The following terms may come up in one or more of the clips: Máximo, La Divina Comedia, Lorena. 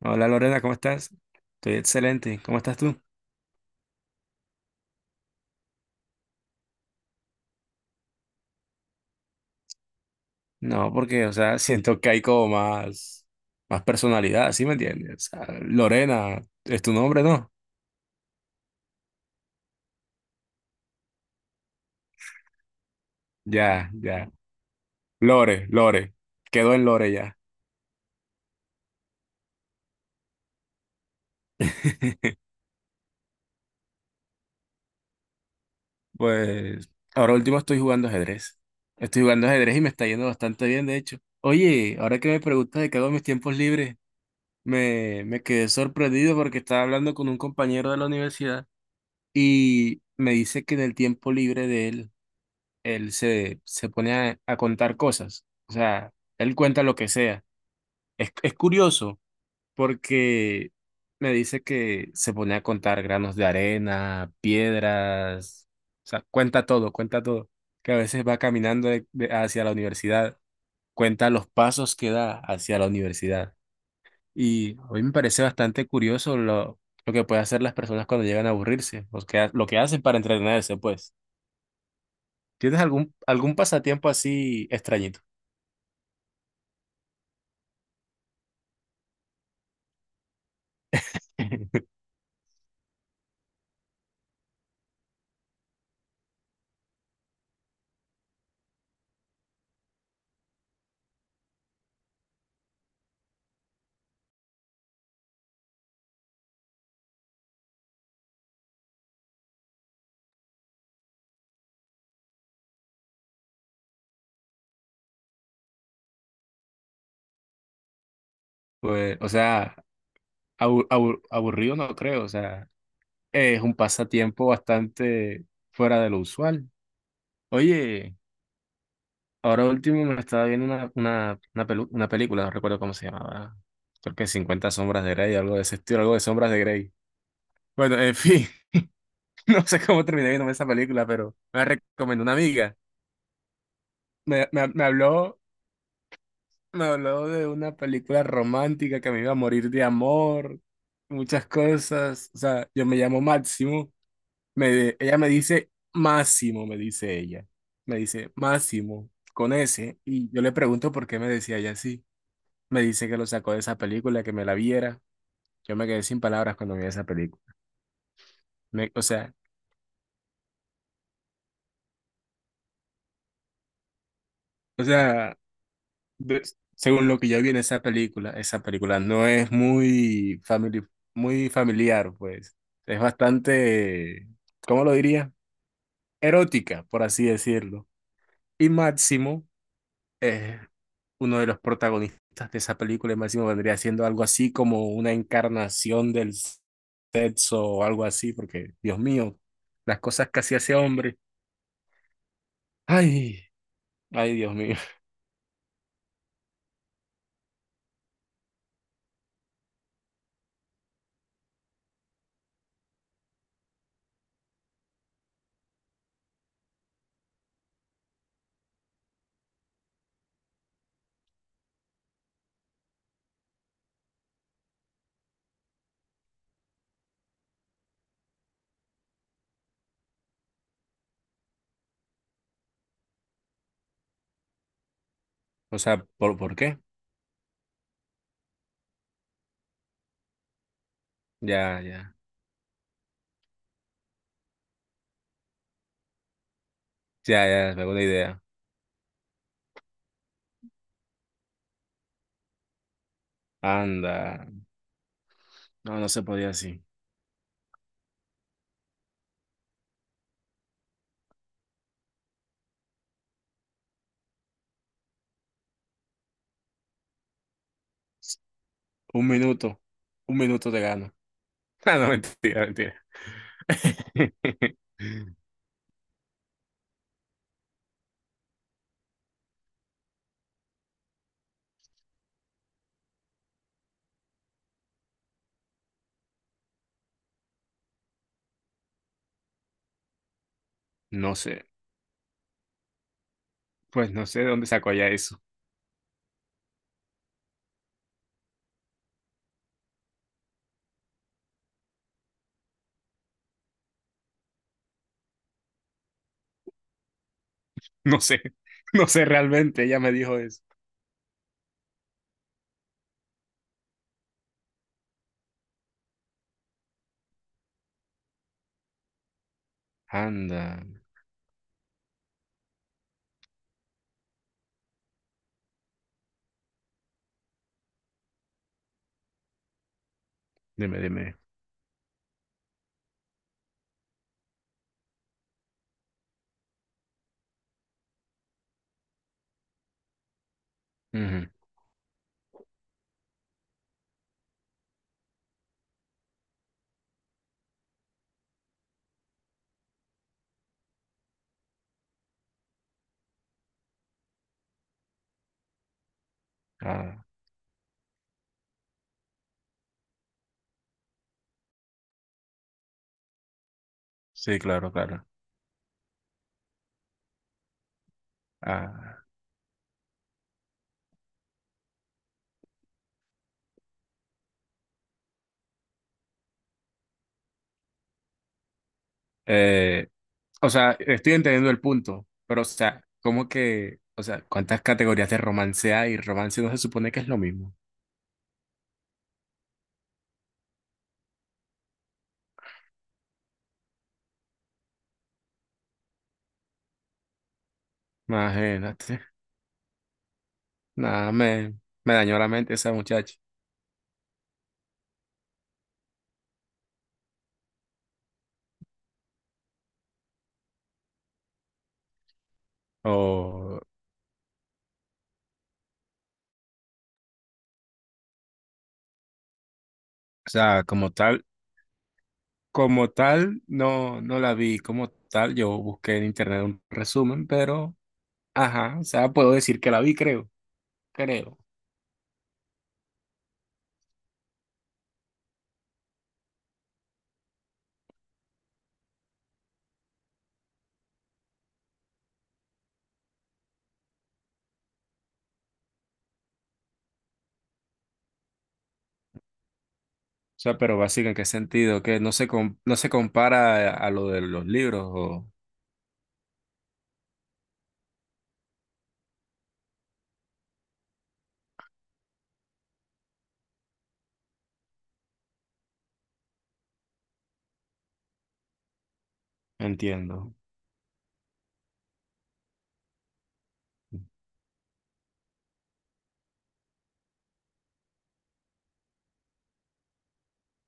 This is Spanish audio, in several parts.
Hola Lorena, ¿cómo estás? Estoy excelente. ¿Cómo estás tú? No, porque, o sea, siento que hay como más personalidad, ¿sí me entiendes? O sea, Lorena, ¿es tu nombre, no? Ya, ya. Lore, Lore. Quedó en Lore ya. Pues, ahora último estoy jugando ajedrez. Estoy jugando ajedrez y me está yendo bastante bien, de hecho. Oye, ahora que me preguntas de qué hago en mis tiempos libres, me quedé sorprendido porque estaba hablando con un compañero de la universidad y me dice que en el tiempo libre de él él se pone a contar cosas. O sea, él cuenta lo que sea. Es curioso porque me dice que se pone a contar granos de arena, piedras, o sea, cuenta todo, cuenta todo. Que a veces va caminando hacia la universidad, cuenta los pasos que da hacia la universidad. Y a mí me parece bastante curioso lo que pueden hacer las personas cuando llegan a aburrirse, lo que ha- lo que hacen para entretenerse, pues. ¿Tienes algún pasatiempo así extrañito? Pues, o sea, aburrido no creo, o sea, es un pasatiempo bastante fuera de lo usual. Oye, ahora último me estaba viendo una película, no recuerdo cómo se llamaba, creo que 50 sombras de Grey, algo de ese estilo, algo de sombras de Grey. Bueno, en fin, no sé cómo terminé viéndome esa película, pero me la recomendó una amiga. Me, me, me habló, me habló de una película romántica que me iba a morir de amor, muchas cosas, o sea, yo me llamo Máximo. Me, ella me dice Máximo, me dice ella. Me dice Máximo con ese. Y yo le pregunto por qué me decía ella así. Me dice que lo sacó de esa película, que me la viera. Yo me quedé sin palabras cuando vi esa película. Me- o sea, de- según lo que yo vi en esa película no es muy familiar, pues. Es bastante, ¿cómo lo diría? Erótica, por así decirlo. Y Máximo eh, uno de los protagonistas de esa película, el máximo, vendría siendo algo así como una encarnación del sexo o algo así, porque, Dios mío, las cosas que hacía ese hombre. Ay, ay, Dios mío. O sea, por qué? Ya, ya, ya, ya, me hago una idea. Anda. No, no se podía así. Un minuto, un minuto te gano. Ah, no, mentira, mentira. No sé, pues no sé de dónde sacó ya eso. No sé, no sé realmente, ella me dijo eso. Anda, dime, dime. Ujú. Ah, sí, claro, claro. Ah, eh, o sea, estoy entendiendo el punto, pero o sea, ¿cómo o sea, cuántas categorías de romance hay? Romance no se supone que es lo mismo. Imagínate. Nada, me dañó la mente esa muchacha. O, o sea, como tal, como tal, no, no la vi. Como tal, yo busqué en internet un resumen, pero, ajá, o sea, puedo decir que la vi, creo, creo. O sea, pero básica, ¿en qué sentido? Que no se, no se compara a lo de los libros, o... Entiendo.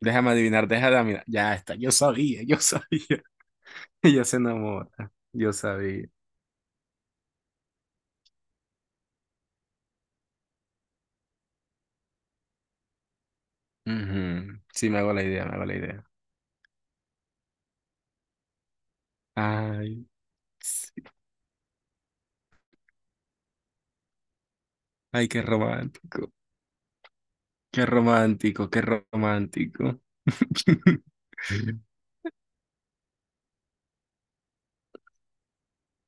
Déjame adivinar, déjame adivinar. Ya está, yo sabía, yo sabía. Ella se enamora, yo sabía. Ujú, sí, me hago la idea, me hago la idea. Ay, sí. Ay, qué romántico, qué romántico, qué romántico.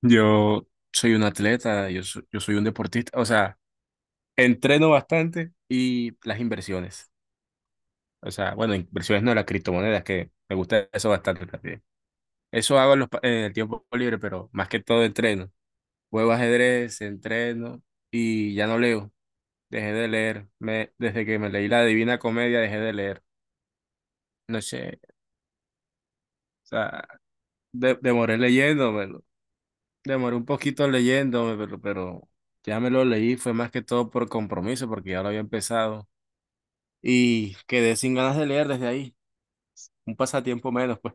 Yo soy un atleta, yo soy un deportista, o sea, entreno bastante y las inversiones. O sea, bueno, inversiones no, las criptomonedas, que me gusta eso bastante también. Eso hago en el tiempo libre, pero más que todo entreno. Juego ajedrez, entreno y ya no leo. Dejé de leer. Me, desde que me leí La Divina Comedia, dejé de leer. No sé, o sea, demoré leyéndomelo. Demoré un poquito leyéndome, pero ya me lo leí. Fue más que todo por compromiso, porque ya lo había empezado. Y quedé sin ganas de leer desde ahí. Un pasatiempo menos, pues.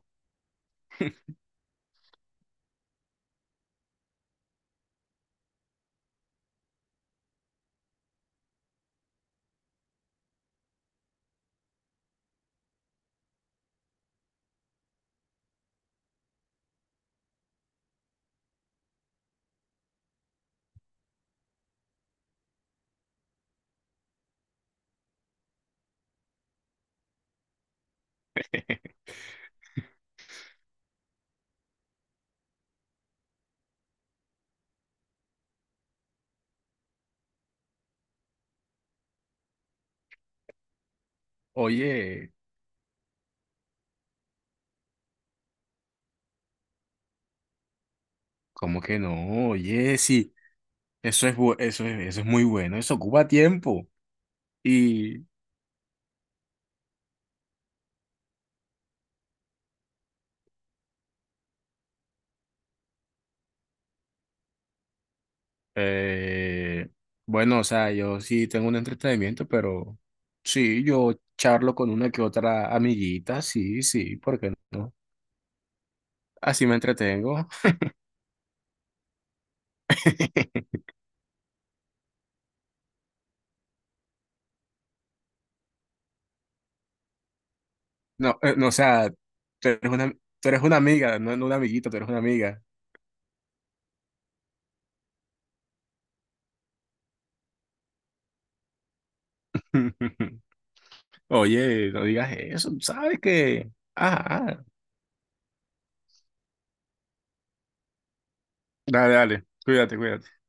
Oye. ¿Cómo que no? Oye, sí, eso es muy bueno, eso ocupa tiempo. Y eh, bueno, o sea, yo sí tengo un entretenimiento, pero sí, yo charlo con una que otra amiguita, sí, sí, ¿por qué no? Así me entretengo. No, no, o sea, tú eres una, tú eres una amiga, no, no una amiguita, tú eres una amiga. Oye, no digas eso, sabes que... Ah, ah. Dale, dale, cuídate, cuídate.